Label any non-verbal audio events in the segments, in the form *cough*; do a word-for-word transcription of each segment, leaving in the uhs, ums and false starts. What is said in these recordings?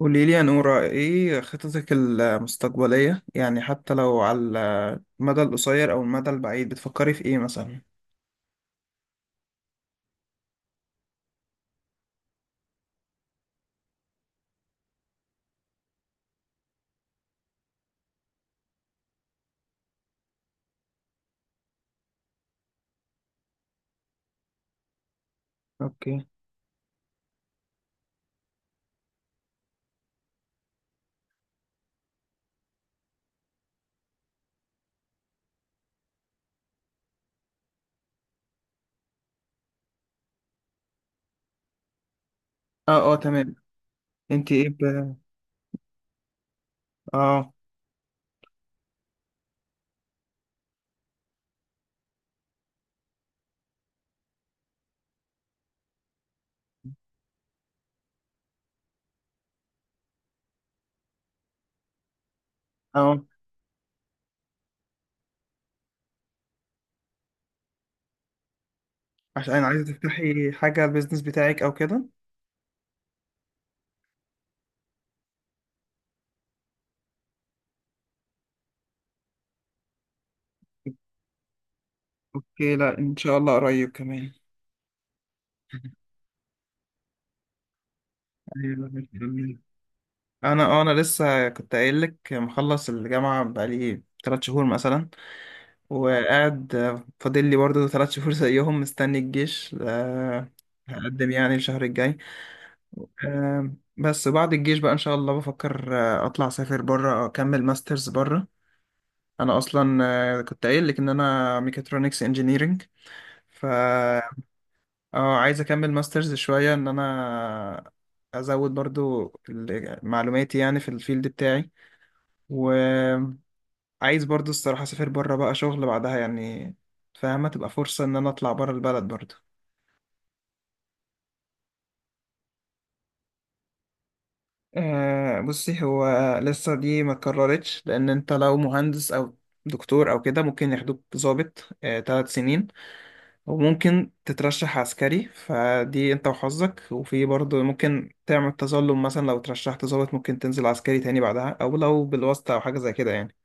قولي لي يا نورة، ايه خططك المستقبلية يعني حتى لو على المدى القصير او المدى البعيد، بتفكري في ايه مثلا؟ اوكي. اه، اه، تمام. انت ايه ب... اه، اه، عشان عايزة تفتحي حاجة البيزنس بتاعك او كده؟ اوكي، لا ان شاء الله قريب كمان. *laughs* أيوة، بإذن الله. انا اه انا لسه كنت قايل لك مخلص الجامعة بقالي ثلاثة شهور مثلا، وقاعد آه، فاضل لي برضه ثلاث شهور زيهم مستني الجيش، آه، هقدم يعني الشهر الجاي. آه، بس بعد الجيش بقى إن شاء الله بفكر آه، أطلع أسافر بره أكمل ماسترز بره. أنا أصلا آه، كنت قايل لك إن أنا ميكاترونكس انجينيرينج ف اه عايز أكمل ماسترز شوية إن أنا أزود برضو ال- معلوماتي يعني في الفيلد بتاعي. عايز برضو الصراحة أسافر برا بقى شغل بعدها يعني، فاهمة؟ تبقى فرصة إن أنا أطلع برا البلد برضو. أه بصي، هو لسه دي ما اتكررتش لأن أنت لو مهندس أو دكتور أو كده ممكن ياخدوك ضابط أه تلات سنين، وممكن تترشح عسكري، فدي أنت وحظك، وفي برضو ممكن تعمل تظلم مثلا لو ترشحت ضابط ممكن تنزل عسكري تاني بعدها، أو لو بالواسطة أو حاجة زي كده يعني.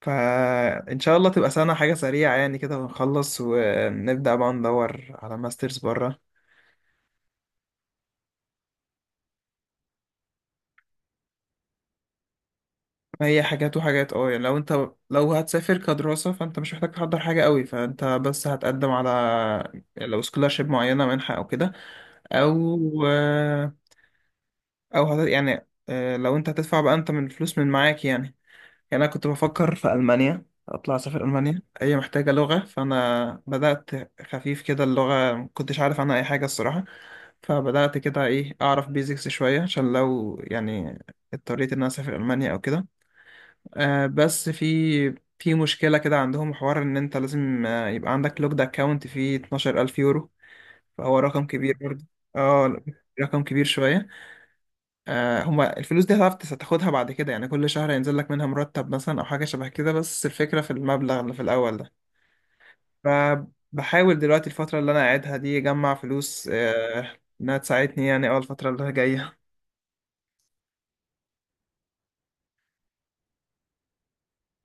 فإن شاء الله تبقى سنة، حاجة سريعة يعني كده، ونخلص ونبدأ بقى ندور على ماسترز بره. هي حاجات وحاجات، اه يعني لو انت لو هتسافر كدراسة فانت مش محتاج تحضر حاجة قوي، فانت بس هتقدم على، يعني لو سكولارشيب معينة منحة او كده او او هت... يعني آه، لو انت هتدفع بقى انت من فلوس من معاك يعني. يعني انا كنت بفكر في المانيا اطلع اسافر المانيا، هي محتاجه لغه فانا بدات خفيف كده اللغه، ما كنتش عارف عنها اي حاجه الصراحه. فبدأت كده إيه أعرف بيزكس شوية عشان لو يعني اضطريت إن أنا أسافر ألمانيا أو كده. آه بس في في مشكلة كده، عندهم حوار إن أنت لازم آه يبقى عندك لوكد أكاونت فيه 12000 يورو، فهو رقم كبير برضه. اه رقم كبير شوية. آه هما الفلوس دي هتعرف تس- تاخدها بعد كده، يعني كل شهر هينزل لك منها مرتب مثلا أو حاجة شبه كده، بس الفكرة في المبلغ اللي في الأول ده. فبحاول دلوقتي الفترة اللي أنا قاعدها دي أجمع فلوس آه إنها تساعدني يعني أول الفترة اللي جاية.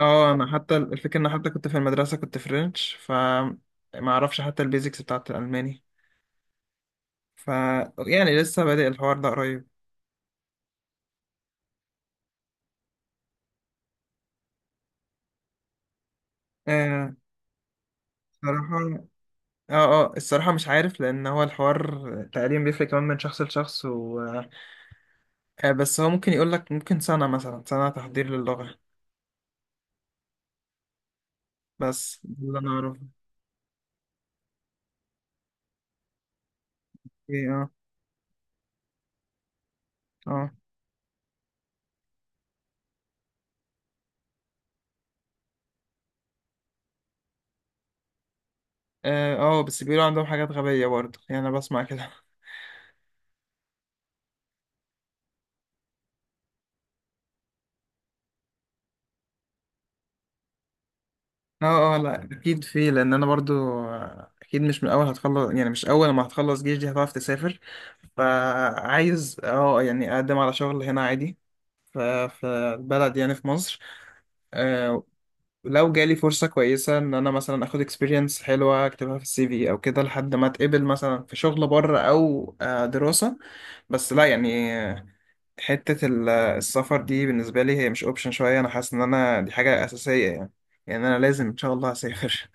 اه انا حتى الفكره ان حتى كنت في المدرسه كنت فرنش ف ما اعرفش حتى البيزكس بتاعت الالماني ف يعني لسه بادئ الحوار ده قريب. آه الصراحه اه اه الصراحه مش عارف لان هو الحوار تقريبا بيفرق كمان من شخص لشخص و... آه بس هو ممكن يقول لك ممكن سنه مثلا سنه تحضير للغه، بس ده اللي انا اعرفه. ايه، اه، اه، اه. آه، بس بيقولوا عندهم حاجات غبيه برضه يعني انا بسمع كده. اه، اه، لا اكيد في، لان انا برضو اكيد مش من اول هتخلص، يعني مش اول ما هتخلص جيش دي هتعرف تسافر. فعايز اه يعني اقدم على شغل هنا عادي، ف- في البلد يعني في مصر. آه، لو جالي فرصة كويسة ان انا مثلا اخد اكسبيرينس حلوة اكتبها في السي في او كده، لحد ما اتقبل مثلا في شغل بره او آه، دراسة. بس لا يعني، آه، حتة ال- السفر دي بالنسبة لي هي مش اوبشن شوية، انا حاسس ان انا دي حاجة اساسية يعني. يعني انا لازم ان شاء الله اسافر.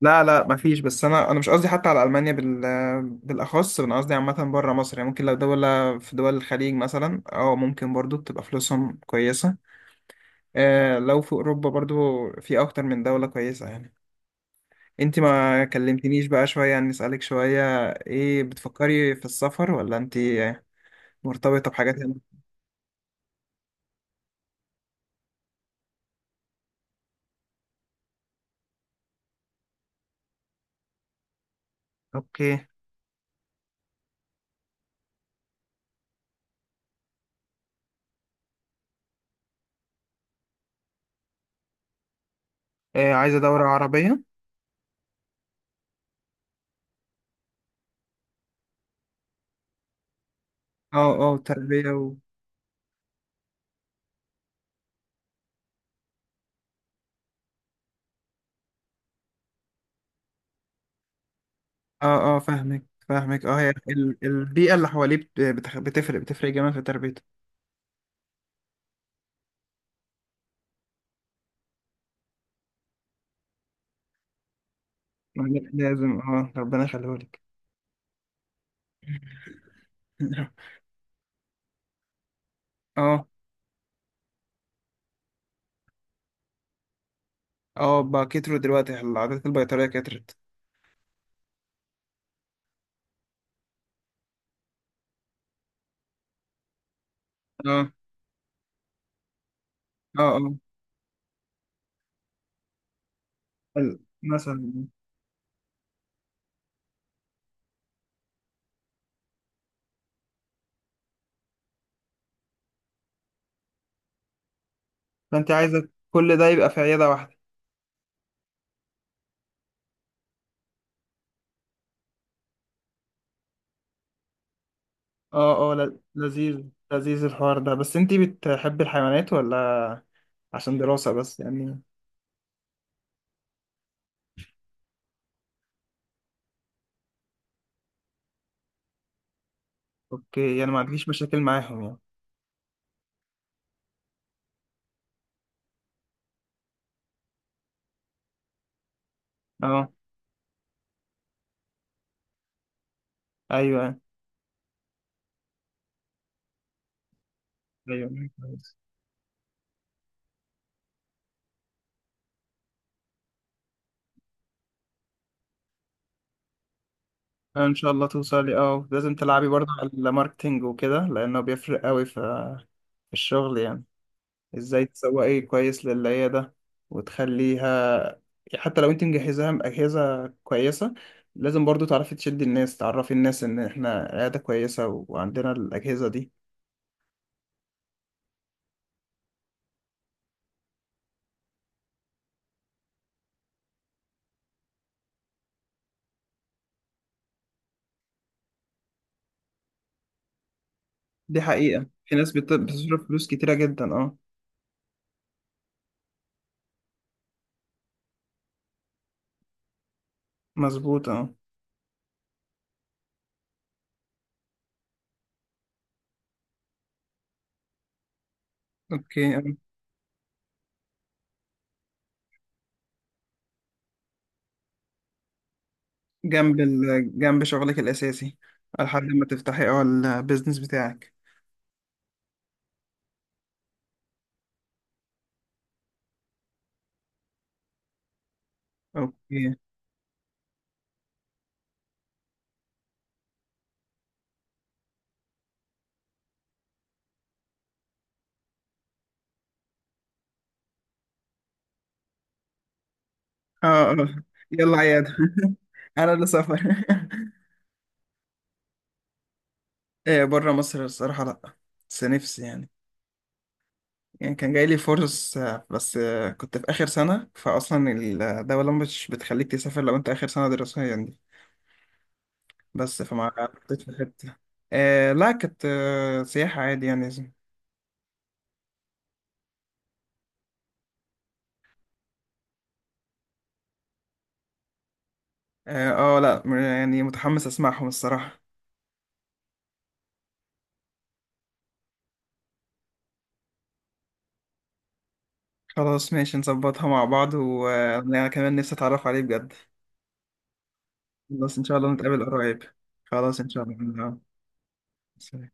لا، لا، مفيش، بس انا انا مش قصدي حتى على المانيا بال بالاخص، انا قصدي عامه بره مصر يعني، ممكن لو دوله في دول الخليج مثلا اه ممكن برضو بتبقى فلوسهم كويسه. آه لو في اوروبا برضو في اكتر من دوله كويسه يعني. انت ما كلمتنيش بقى شويه، عن نسالك شويه، ايه بتفكري في السفر ولا انت مرتبطه بحاجات هنا؟ اوكي، آه عايزه دوله عربيه. اه، اه، تربيه و... اه، اه، فاهمك فاهمك، اه هي ال- البيئه اللي حواليه بت- بتخ- بتفرق بتفرق جامد في تربيته. لا- لازم، اه ربنا يخليهولك. *laughs* اه، اه، بقى كتروا دلوقتي العادات البيطرية كترت. اه، اه، اه، ال- مثلا، فانت عايزة كل ده يبقى في عيادة واحدة؟ اه، اه، ل- لذيذ. لذيذ الحوار ده، بس انتي بتحبي الحيوانات ولا عشان دراسة بس يعني؟ اوكي، يعني ما عندكيش مشاكل معاهم يعني؟ اه، ايوه، ايوه، كويس. آه، ان شاء الله توصلي، اه لازم تلعبي برضه على الماركتينج وكده لانه بيفرق قوي في في الشغل يعني، ازاي تسوقي كويس للعيادة وتخليها، حتى لو انت مجهزاها بأجهزة كويسة لازم برضو تعرفي تشدي الناس، تعرفي الناس ان احنا عيادة كويسة وعندنا الأجهزة دي. دي حقيقة، في ناس بت- بتصرف فلوس كتيرة جدا، اه. مظبوط، اه، اوكي، اه. جنب ال... جنب شغلك الأساسي، لحد ما تفتحي اه البيزنس بتاعك. اوكي، اه، اه، يلا عيادة. *laughs* انا اللي سافر. *laughs* ايه، بره مصر الصراحة لا، بس نفسي يعني. يعني كان جاي لي فرص، آه، بس آه، كنت في آخر سنة، فأصلا الدولة مش بتخليك تسافر لو أنت آخر سنة دراسية يعني دي. بس فما حطيت في حتة. آه لا، كانت آه سياحة عادي يعني. آه, آه لا، م- يعني متحمس أسمعهم الصراحة. خلاص، ماشي، نظبطها مع بعض، وأنا كمان نفسي أتعرف عليه بجد. خلاص إن شاء الله نتقابل قريب. خلاص إن شاء الله. سلام.